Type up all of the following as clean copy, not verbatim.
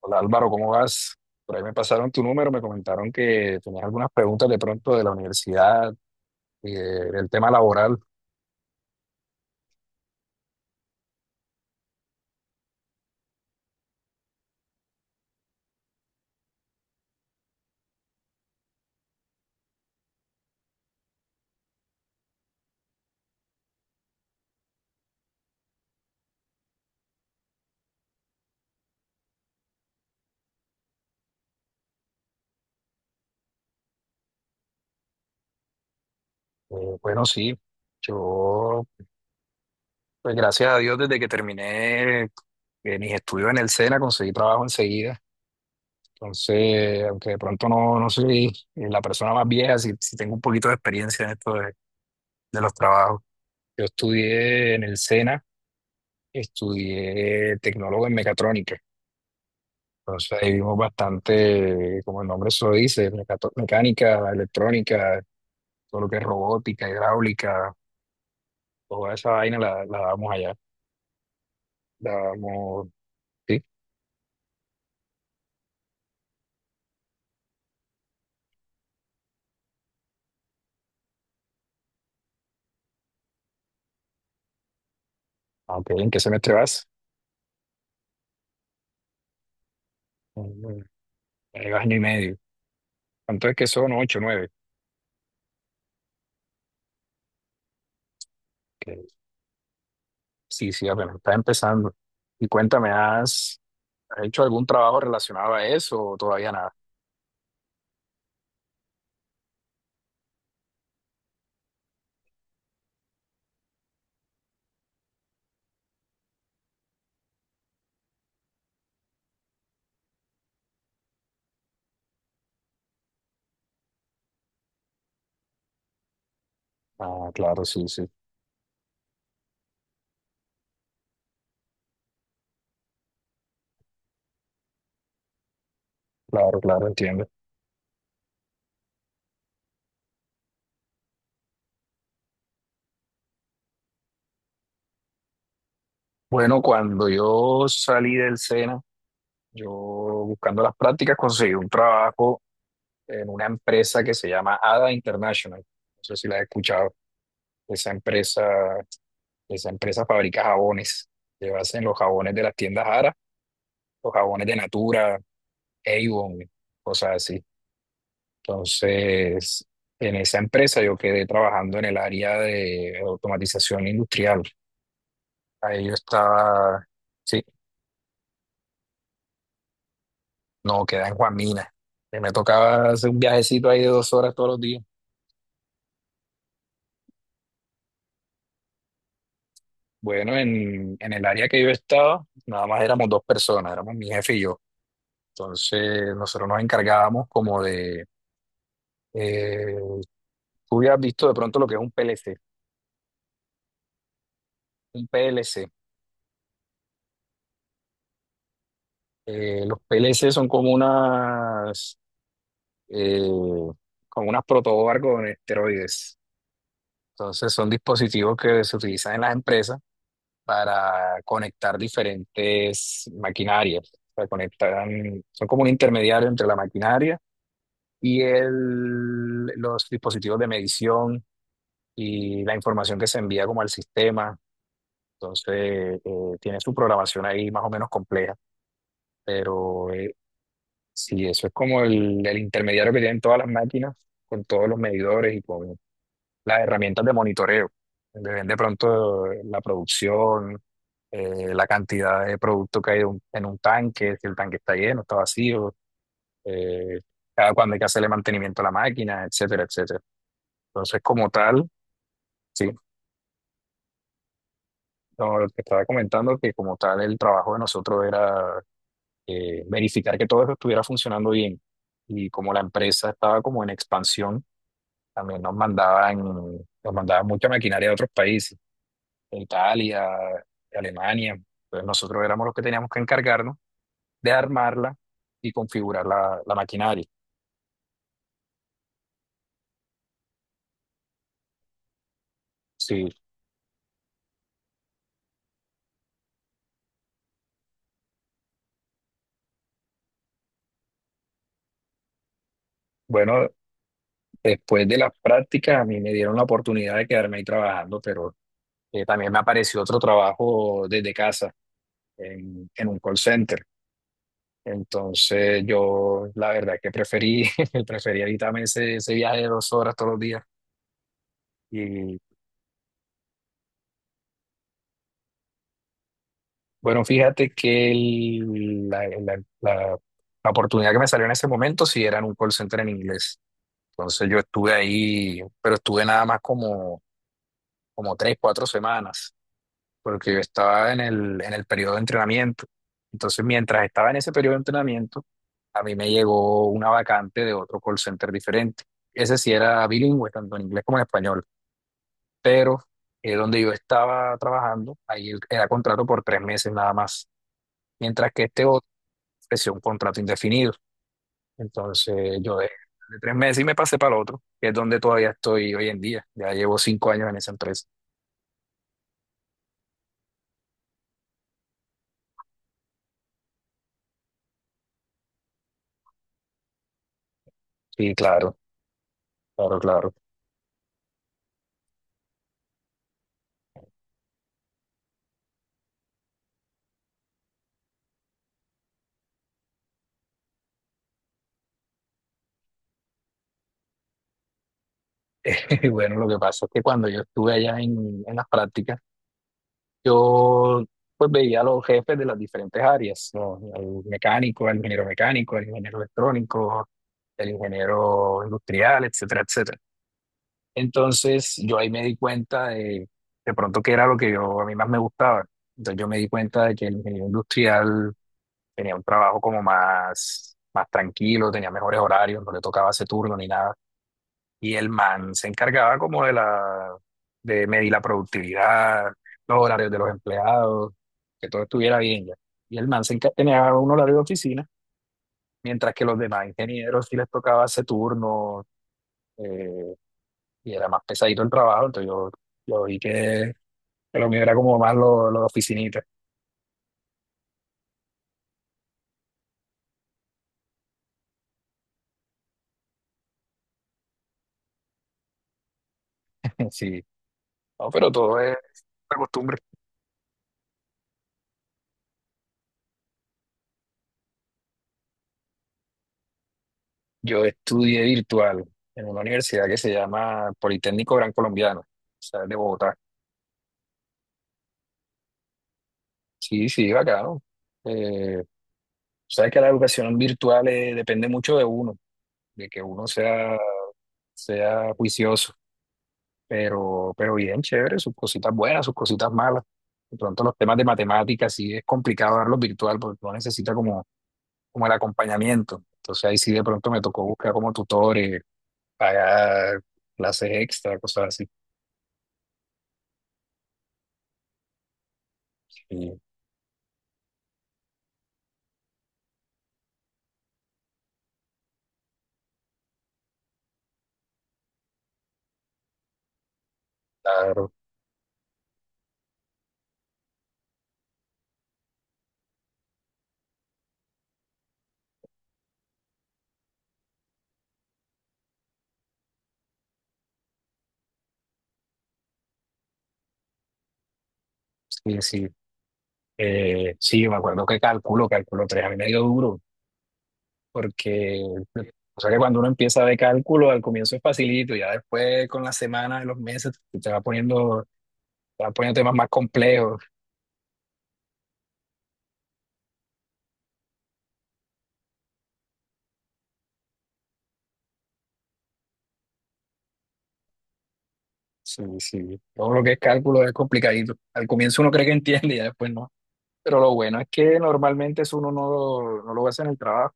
Hola Álvaro, ¿cómo vas? Por ahí me pasaron tu número, me comentaron que tenías algunas preguntas de pronto de la universidad, del tema laboral. Bueno, sí, yo, pues gracias a Dios, desde que terminé mis estudios en el SENA, conseguí trabajo enseguida. Entonces, aunque de pronto no soy la persona más vieja, sí, sí tengo un poquito de experiencia en esto de los trabajos. Yo estudié en el SENA, estudié tecnólogo en mecatrónica. Entonces ahí vimos bastante, como el nombre se lo dice, mecánica, electrónica, todo lo que es robótica, hidráulica, toda esa vaina la damos allá. La damos, sí. Aunque, ¿en qué semestre vas? Mm, año y medio. ¿Cuánto es que son? Ocho, nueve. Que, sí, sí, apenas está empezando. Y cuéntame, has hecho algún trabajo relacionado a eso o todavía nada? Ah, claro, sí, sí. Claro, claro, entiendo. Bueno, cuando yo salí del SENA, yo buscando las prácticas conseguí un trabajo en una empresa que se llama ADA International. No sé si la has escuchado. Esa empresa, esa empresa fabrica jabones. Ellos hacen los jabones de las tiendas Ara, los jabones de Natura, Avon, cosas así. Entonces, en esa empresa yo quedé trabajando en el área de automatización industrial. Ahí yo estaba, sí, no, quedé en Juan Mina. Y me tocaba hacer un viajecito ahí de 2 horas todos los días. Bueno, en el área que yo estaba, nada más éramos 2 personas, éramos mi jefe y yo. Entonces, nosotros nos encargábamos como de... eh, tú hubieras visto de pronto lo que es un PLC. Un PLC. Los PLC son eh, como unas protoboard con esteroides. Entonces, son dispositivos que se utilizan en las empresas para conectar diferentes maquinarias. O sea, conectan, son como un intermediario entre la maquinaria y los dispositivos de medición y la información que se envía como al sistema. Entonces, tiene su programación ahí más o menos compleja, pero sí, eso es como el intermediario que tienen todas las máquinas con todos los medidores y con las herramientas de monitoreo, donde ven de pronto la producción, la cantidad de producto que hay en en un tanque, si el tanque está lleno, está vacío, eh, cada cuándo hay que hacerle mantenimiento a la máquina, etcétera, etcétera. Entonces, como tal, sí, no, lo que estaba comentando, que como tal el trabajo de nosotros era verificar que todo eso estuviera funcionando bien. Y como la empresa estaba como en expansión, también nos mandaban mucha maquinaria de otros países, de Italia, de Alemania. Entonces nosotros éramos los que teníamos que encargarnos de armarla y configurar la maquinaria. Sí, bueno, después de las prácticas a mí me dieron la oportunidad de quedarme ahí trabajando, pero también me apareció otro trabajo desde casa en un call center. Entonces yo la verdad que preferí, preferí evitarme ese viaje de 2 horas todos los días. Y bueno, fíjate que la oportunidad que me salió en ese momento sí era en un call center en inglés. Entonces yo estuve ahí, pero estuve nada más como 3, 4 semanas, porque yo estaba en en el periodo de entrenamiento. Entonces, mientras estaba en ese periodo de entrenamiento, a mí me llegó una vacante de otro call center diferente. Ese sí era bilingüe, tanto en inglés como en español, pero donde yo estaba trabajando, era contrato por 3 meses nada más, mientras que este otro ofreció un contrato indefinido. Entonces, yo dejé de 3 meses y me pasé para el otro, que es donde todavía estoy hoy en día. Ya llevo 5 años en esa empresa. Sí, claro, claro, claro. Bueno, lo que pasa es que cuando yo estuve allá en las prácticas, yo pues veía a los jefes de las diferentes áreas, ¿no? Al mecánico, al ingeniero electrónico, el ingeniero industrial, etcétera, etcétera. Entonces yo ahí me di cuenta de pronto que era lo que yo a mí más me gustaba. Entonces yo me di cuenta de que el ingeniero industrial tenía un trabajo como más tranquilo, tenía mejores horarios, no le tocaba ese turno ni nada. Y el man se encargaba como de de medir la productividad, los horarios de los empleados, que todo estuviera bien ya. Y el tenía un horario de oficina, mientras que los demás ingenieros sí les tocaba ese turno, eh, y era más pesadito el trabajo, entonces yo vi que lo mío era como más lo de oficinita. Sí, no, pero todo es una costumbre. Yo estudié virtual en una universidad que se llama Politécnico Gran Colombiano, o sea, es de Bogotá. Sí, sí, bacano. Eh, sabes que la educación virtual depende mucho de uno, de que uno sea juicioso, pero bien, chévere, sus cositas buenas, sus cositas malas. De pronto los temas de matemáticas sí es complicado darlos virtual porque uno necesita como el acompañamiento. Entonces ahí sí de pronto me tocó buscar como tutores, pagar clases extra, cosas así. Y, claro, sí, sí. Sí, me acuerdo que cálculo 3 a mí me dio duro, porque pues, o sea que cuando uno empieza de cálculo, al comienzo es facilito, ya después con las semanas, los meses, te va poniendo, te va poniendo temas más complejos. Sí, sí, todo lo que es cálculo es complicadito. Al comienzo uno cree que entiende y ya después no. Pero lo bueno es que normalmente eso uno no lo hace en el trabajo.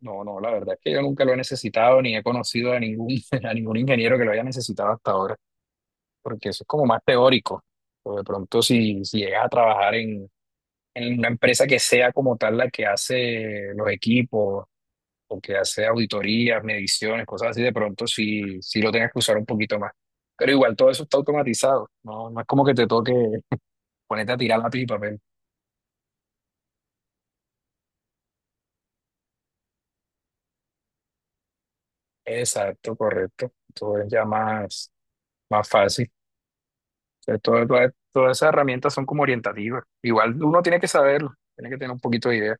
No, no, la verdad es que yo nunca lo he necesitado ni he conocido a a ningún ingeniero que lo haya necesitado hasta ahora, porque eso es como más teórico. O de pronto si llegas a trabajar en una empresa que sea como tal la que hace los equipos o que hace auditorías, mediciones, cosas así, de pronto sí, sí lo tengas que usar un poquito más. Pero igual todo eso está automatizado, no es como que te toque ponerte a tirar lápiz y papel. Exacto, correcto. Todo es ya más fácil. O sea, todas esas herramientas son como orientativas. Igual uno tiene que saberlo, tiene que tener un poquito de idea.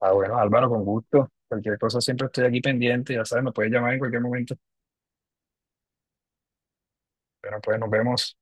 Ah, bueno, Álvaro, con gusto. Cualquier cosa siempre estoy aquí pendiente, ya sabes, me puedes llamar en cualquier momento. Pero pues nos vemos.